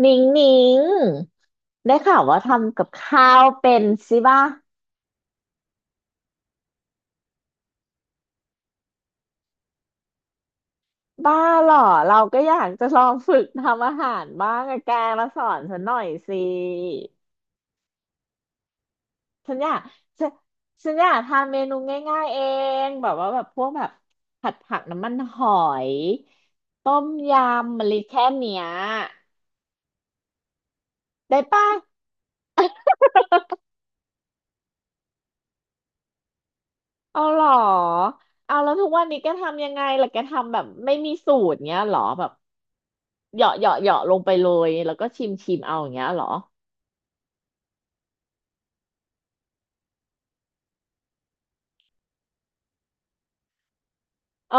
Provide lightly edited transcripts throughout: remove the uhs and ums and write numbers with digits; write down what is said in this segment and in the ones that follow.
หนิงหนิงได้ข่าวว่าทำกับข้าวเป็นสิบ้าบ้าเหรอเราก็อยากจะลองฝึกทำอาหารบ้างอะแกมาสอนฉันหน่อยสิฉันอยากฉันฉันอยากทำเมนูง่ายๆเองแบบว่าแบบพวกแบบผัดผักน้ำมันหอยต้มยำอะไรแค่เนี้ยได้ป่ะเอาเหรอเอาแล้วทุกวันนี้แกทำยังไงล่ะแกทำแบบไม่มีสูตรเงี้ยเหรอแบบ เหยาะเหยาะเหยาะลงไปเลยแล้วก็ชิมชิมเอาอย่างเงี้ยเหรอ อ๋อ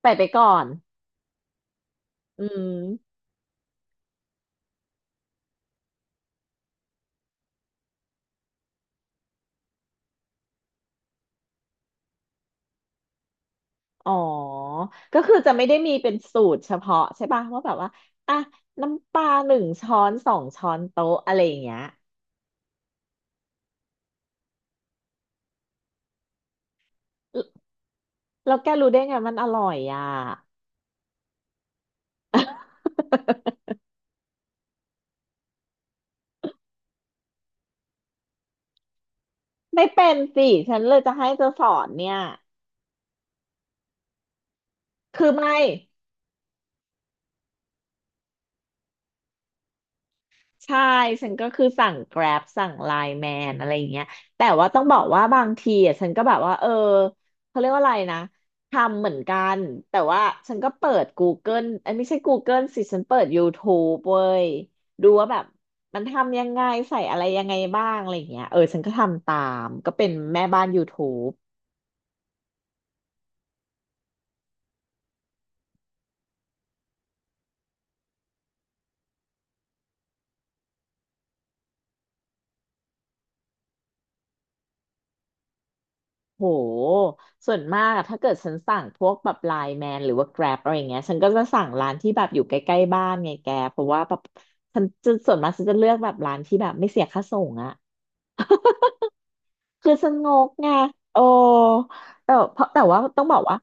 ใส่ไปก่อนอืมอ๋อ ก็คือจะไม่ได้มีเป็นสูตรเฉพาะใช่ป่ะว่าแบบว่า อ่ะ น้ำปลา1 ช้อน2 ช้อนโต๊ะอะไรอย่างเงี้ยแล้วแล้วแกรู้ได้ไงมันอร่อยอ่ะ ไม่เป็นสิฉันเลยจะให้เธอสอนเนี่ยคือไม่ ใช่ฉันก็คือสั่ง Grab สั่ง l i น e Man อะไรอย่างเงี้ยแต่ว่าต้องบอกว่าบางทีอ่ะฉันก็แบบว่าเออเขาเรียกว่าอะไรนะทำเหมือนกันแต่ว่าฉันก็เปิด Google เอ้ยไม่ใช่ Google สิฉันเปิด YouTube เว้ยดูว่าแบบมันทำยังไงใส่อะไรยังไงบ้างอะไรอย่างเงี้ยเออฉันก็ทำตามก็เป็นแม่บ้าน YouTube โหส่วนมากอะถ้าเกิดฉันสั่งพวกแบบไลน์แมนหรือว่า Grab อะไรอย่างเงี้ยฉันก็จะสั่งร้านที่แบบอยู่ใกล้ๆบ้านไงแกเพราะว่าแบบฉันจะส่วนมากฉันจะเลือกแบบร้านที่แบบไม่เสียค่าส่งอะคือฉันงกไงโอ้แต่เพราะแต่ว่าต้องบอกว่า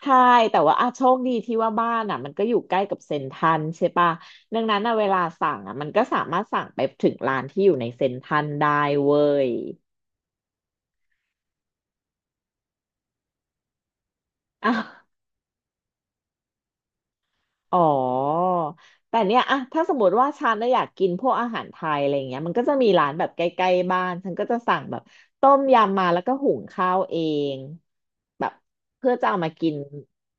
ใช่แต่ว่าอ่ะโชคดีที่ว่าบ้านอ่ะมันก็อยู่ใกล้กับเซ็นทรัลใช่ปะดังนั้นอ่ะเวลาสั่งอ่ะมันก็สามารถสั่งไปถึงร้านที่อยู่ในเซ็นทรัลได้เว้ย อ่ะ อ๋อ แต่เนี่ยอะถ้าสมมติว่าฉันน่ะอยากกินพวกอาหารไทยอะไรเงี้ยมันก็จะมีร้านแบบใกล้ๆบ้านฉันก็จะสั่งแบบต้มยำมาแล้วก็หุงข้าวเองแบบเพื่อจะเอามากิน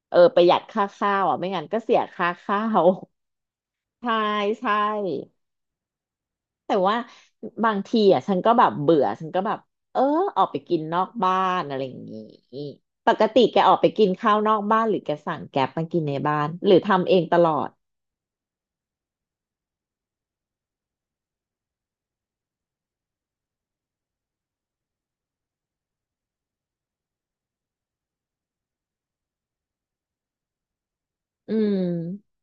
เออประหยัดค่าข้าวอ่ะไม่งั้นก็เสียค่าข้าว ใช่ใช่แต่ว่าบางทีอ่ะฉันก็แบบเบื่อฉันก็แบบเออออกไปกินนอกบ้านอะไรอย่างงี้ปกติแกออกไปกินข้าวนอกบ้านหรือแกสั่งแกร็บมากินในบ้านหรือทำเองตลอดอืม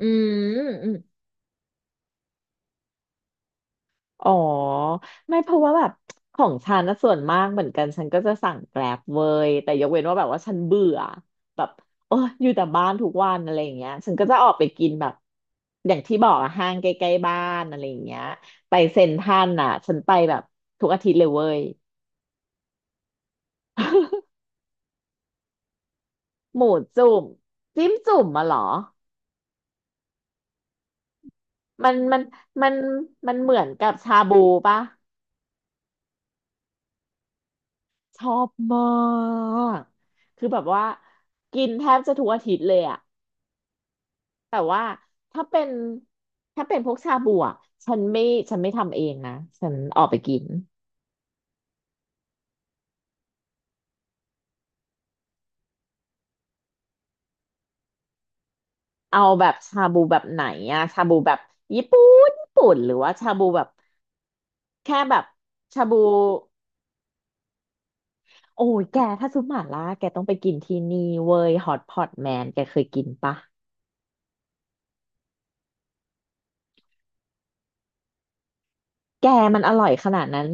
อืมอืม อ๋อ ไม่เพราะว่าแบบของฉันนะส่วนมากเหมือนกันฉันก็จะสั่งแกร็บเว้ยแต่ยกเว้นว่าแบบว่าฉันเบื่อแบบโอ้ยอยู่แต่บ้านทุกวันอะไรอย่างเงี้ยฉันก็จะออกไปกินแบบอย่างที่บอกอะห้างใกล้ๆบ้านอะไรอย่างเงี้ยไปเซ็นทรัลน่ะฉันไปแบบทุกอาทิตย์เลยเว้ย หมูจุ่มจิ้มจุ่มมาหรอมันมันมันมันเหมือนกับชาบูปะ ชอบมาก คือแบบว่ากินแทบจะทุกอาทิตย์เลยอะแต่ว่าถ้าเป็นถ้าเป็นพวกชาบูอะฉันไม่ฉันไม่ทำเองนะฉันออกไปกินเอาแบบชาบูแบบไหนอะชาบูแบบญี่ปุ่ญี่ปุ่นหรือว่าชาบูแบบแค่แบบชาบูโอ้ยแกถ้าซุปหม่าล่าแกต้องไปกินที่นี่เว้ยฮอตพอตแมนแกเคยกินปะแกมันอร่อยขนาดนั้น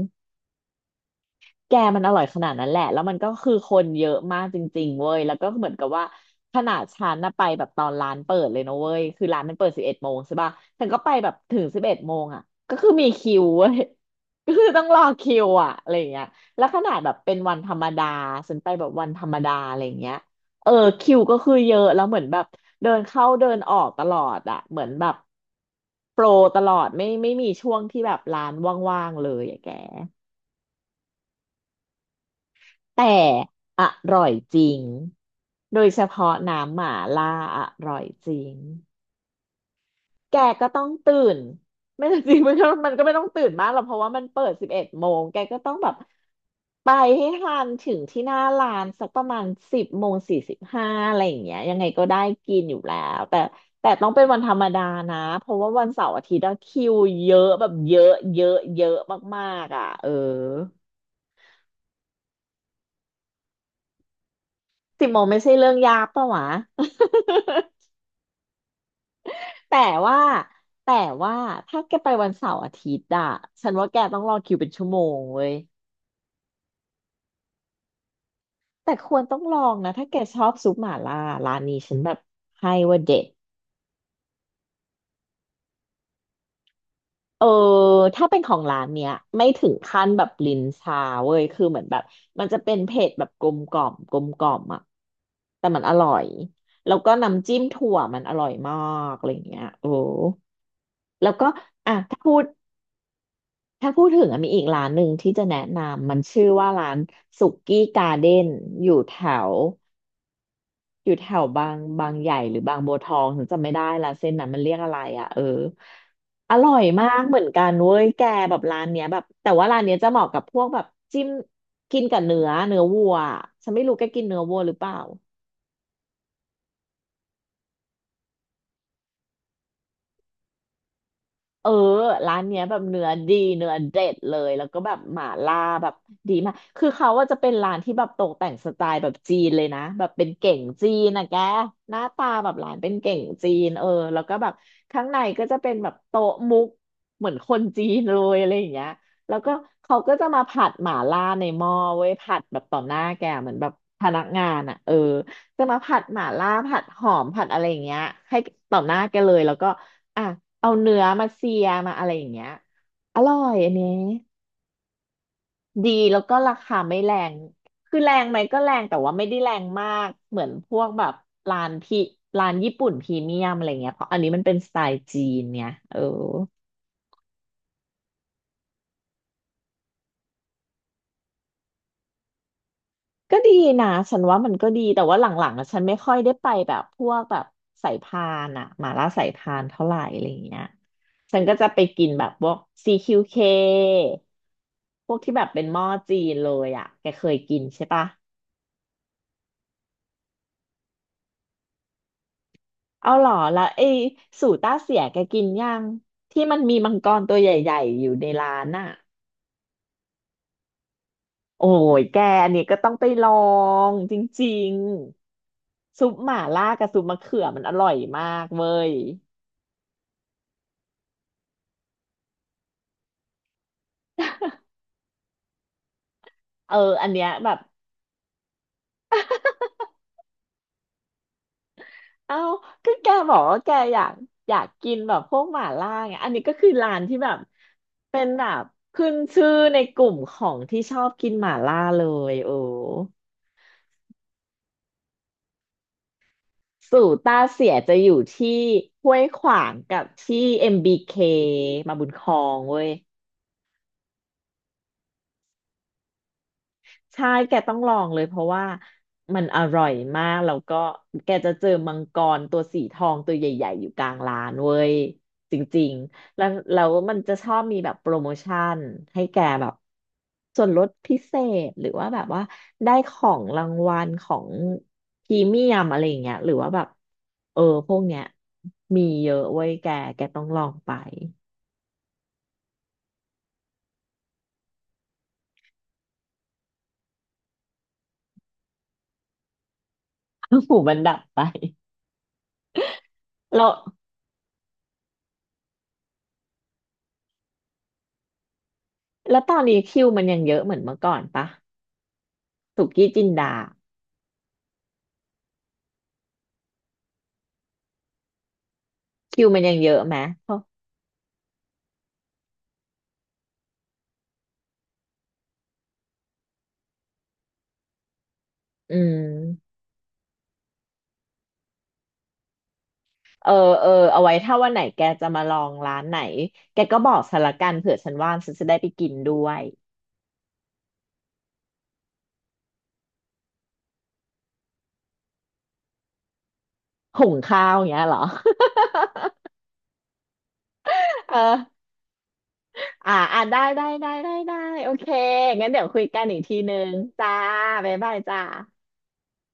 แกมันอร่อยขนาดนั้นแหละแล้วมันก็คือคนเยอะมากจริงๆเว้ยแล้วก็เหมือนกับว่าขนาดฉันน่ะไปแบบตอนร้านเปิดเลยนะเว้ยคือร้านมันเปิดสิบเอ็ดโมงใช่ป่ะฉันก็ไปแบบถึงสิบเอ็ดโมงอ่ะก็คือมีคิวเว้ย ก็คือต้องรอคิวอ่ะอะไรอย่างเงี้ยแล้วขนาดแบบเป็นวันธรรมดาฉันไปแบบวันธรรมดาอะไรอย่างเงี้ยเออคิวก็คือเยอะแล้วเหมือนแบบเดินเข้าเดินออกตลอดอ่ะเหมือนแบบโปรตลอดไม่มีช่วงที่แบบร้านว่างๆเลยอะแก แต่อร่อยจริง โดยเฉพาะน้ำหม่าล่าอร่อยจริงแกก็ต้องตื่น ไม่จริงมันก็มันก็ไม่ต้องตื่นมากหรอกเพราะว่ามันเปิดสิบเอ็ดโมงแกก็ต้องแบบไปให้ทันถึงที่หน้าร้านสักประมาณ10:45อะไรอย่างเงี้ยยังไงก็ได้กินอยู่แล้วแต่แต่ต้องเป็นวันธรรมดานะ เพราะว่าวันเสาร์อาทิตย์อะคิวเยอะแบบเยอะเยอะเยอะมากๆอ่ะเออสิบโมงไม่ใช่เรื่องยากปะวะ แต่ว่าแต่ว่าถ้าแกไปวันเสาร์อาทิตย์อะฉันว่าแกต้องรอคิวเป็นชั่วโมงเว้ยแต่ควรต้องลองนะถ้าแกชอบซุปหม่าล่าร้านนี้ฉันแบบให้ว่าเด็ดเออถ้าเป็นของร้านเนี้ยไม่ถึงขั้นแบบลิ้นชาเว้ยคือเหมือนแบบมันจะเป็นเผ็ดแบบกลมกล่อมกลมกล่อมอะแต่มันอร่อยแล้วก็น้ำจิ้มถั่วมันอร่อยมากอะไรอย่างเงี้ยโอ้แล้วก็อ่ะถ้าพูดถึงอะมีอีกร้านหนึ่งที่จะแนะนำมันชื่อว่าร้านสุกี้การ์เด้นอยู่แถวบางใหญ่หรือบางบัวทองฉันจำไม่ได้ละเส้นนั้นมันเรียกอะไรอ่ะเอออร่อยมากเหมือนกันเว้ยแกแบบร้านเนี้ยแบบแต่ว่าร้านเนี้ยจะเหมาะกับพวกแบบจิ้มกินกับเนื้อวัวอะฉันไม่รู้แกกินเนื้อวัวหรือเปล่า เออ ร้านเนี้ยแบบเนื้อดีเนื้อเด็ดเลยแล้วก็แบบหม่าล่าแบบดีมาก คือเขาว่าจะเป็นร้านที่แบบตกแต่งสไตล์แบบจีนเลยนะแบบเป็นเก๋งจีนนะแกหน้าตาแบบร้านเป็นเก๋งจีนเออแล้วก็แบบข้างในก็จะเป็นแบบโต๊ะมุกเหมือนคนจีนเลยอะไรอย่างเงี้ยแล้วก็เขาก็จะมาผัดหม่าล่าในหม้อเว้ยผัดแบบต่อหน้าแกเหมือนแบบพนักงานอ่ะเออจะมาผัดหม่าล่าผัดหอมผัดอะไรอย่างเงี้ยให้ต่อหน้าแกเลยแล้วก็ อ่ะเอาเนื้อมาเสียมาอะไรอย่างเงี้ยอร่อยอันนี้ดีแล้วก็ราคาไม่แรงคือแรงไหมก็แรงแต่ว่าไม่ได้แรงมากเหมือนพวกแบบร้านพี่ร้านญี่ปุ่นพรีเมียมอะไรเงี้ยเพราะอันนี้มันเป็นสไตล์จีนเนี่ยเออก็ดีนะฉันว่ามันก็ดีแต่ว่าหลังๆอะฉันไม่ค่อยได้ไปแบบพวกแบบสายพานอะหม่าล่าสายพานเท่าไหร่อะไรเงี้ยฉันก็จะไปกินแบบพวกซีคิวเคพวกที่แบบเป็นหม้อจีนเลยอะแกเคยกินใช่ปะ เอาเหรอแล้วไอ้สูต้าเสียแกกินยังที่มันมีมังกรตัวใหญ่ๆอยู่ในร้านน่ะโอ้ยแกอันนี้ก็ต้องไปลองจริงๆซุปหม่าล่ากับซุปมะเขือมันอร่อยมากเว้ยเอออันเนี้ยแบบเอ้าก็แกบอกว่าแกอยากกินแบบพวกหม่าล่าไงอันนี้ก็คือร้านที่แบบเป็นแบบขึ้นชื่อในกลุ่มของที่ชอบกินหม่าล่าเลยโอ้ สู่ต้าเสียจะอยู่ที่ห้วยขวางกับที่ MBK มบีเคมาบุญครองเว้ย ใช่แกต้องลองเลยเพราะว่ามันอร่อยมากแล้วก็แกจะเจอมังกรตัวสีทองตัวใหญ่ๆอยู่กลางร้านเว้ยจริงๆแล้วมันจะชอบมีแบบโปรโมชั่นให้แกแบบส่วนลดพิเศษหรือว่าแบบว่าได้ของรางวัลของพรีเมียมอะไรอย่างเงี้ยหรือว่าแบบเออพ วกเนี้ยมีเยอะเว้ยแกแกต้องลองไป หูมันดับไปแล้วแล้วตอนนี้คิวมันยังเยอะเหมือนเมื่อก่อนปะ สุกี้จินดาคิวมันยังเยอะไหมเพราะอืมเออเออเอาไว้ถ้าวันไหนแกจะมาลองร้านไหนแกก็บอกฉันละกันเผื่อฉันว่างฉันจะได้ไปกินด้วยหุงข้าวอย่างเงี้ยเหรอ เอออ่าอ่าได้ได้ได้ได้ได้โอเคงั้นเดี๋ยวคุยกันอีกทีนึงจ้าบ๊ายบายจ้า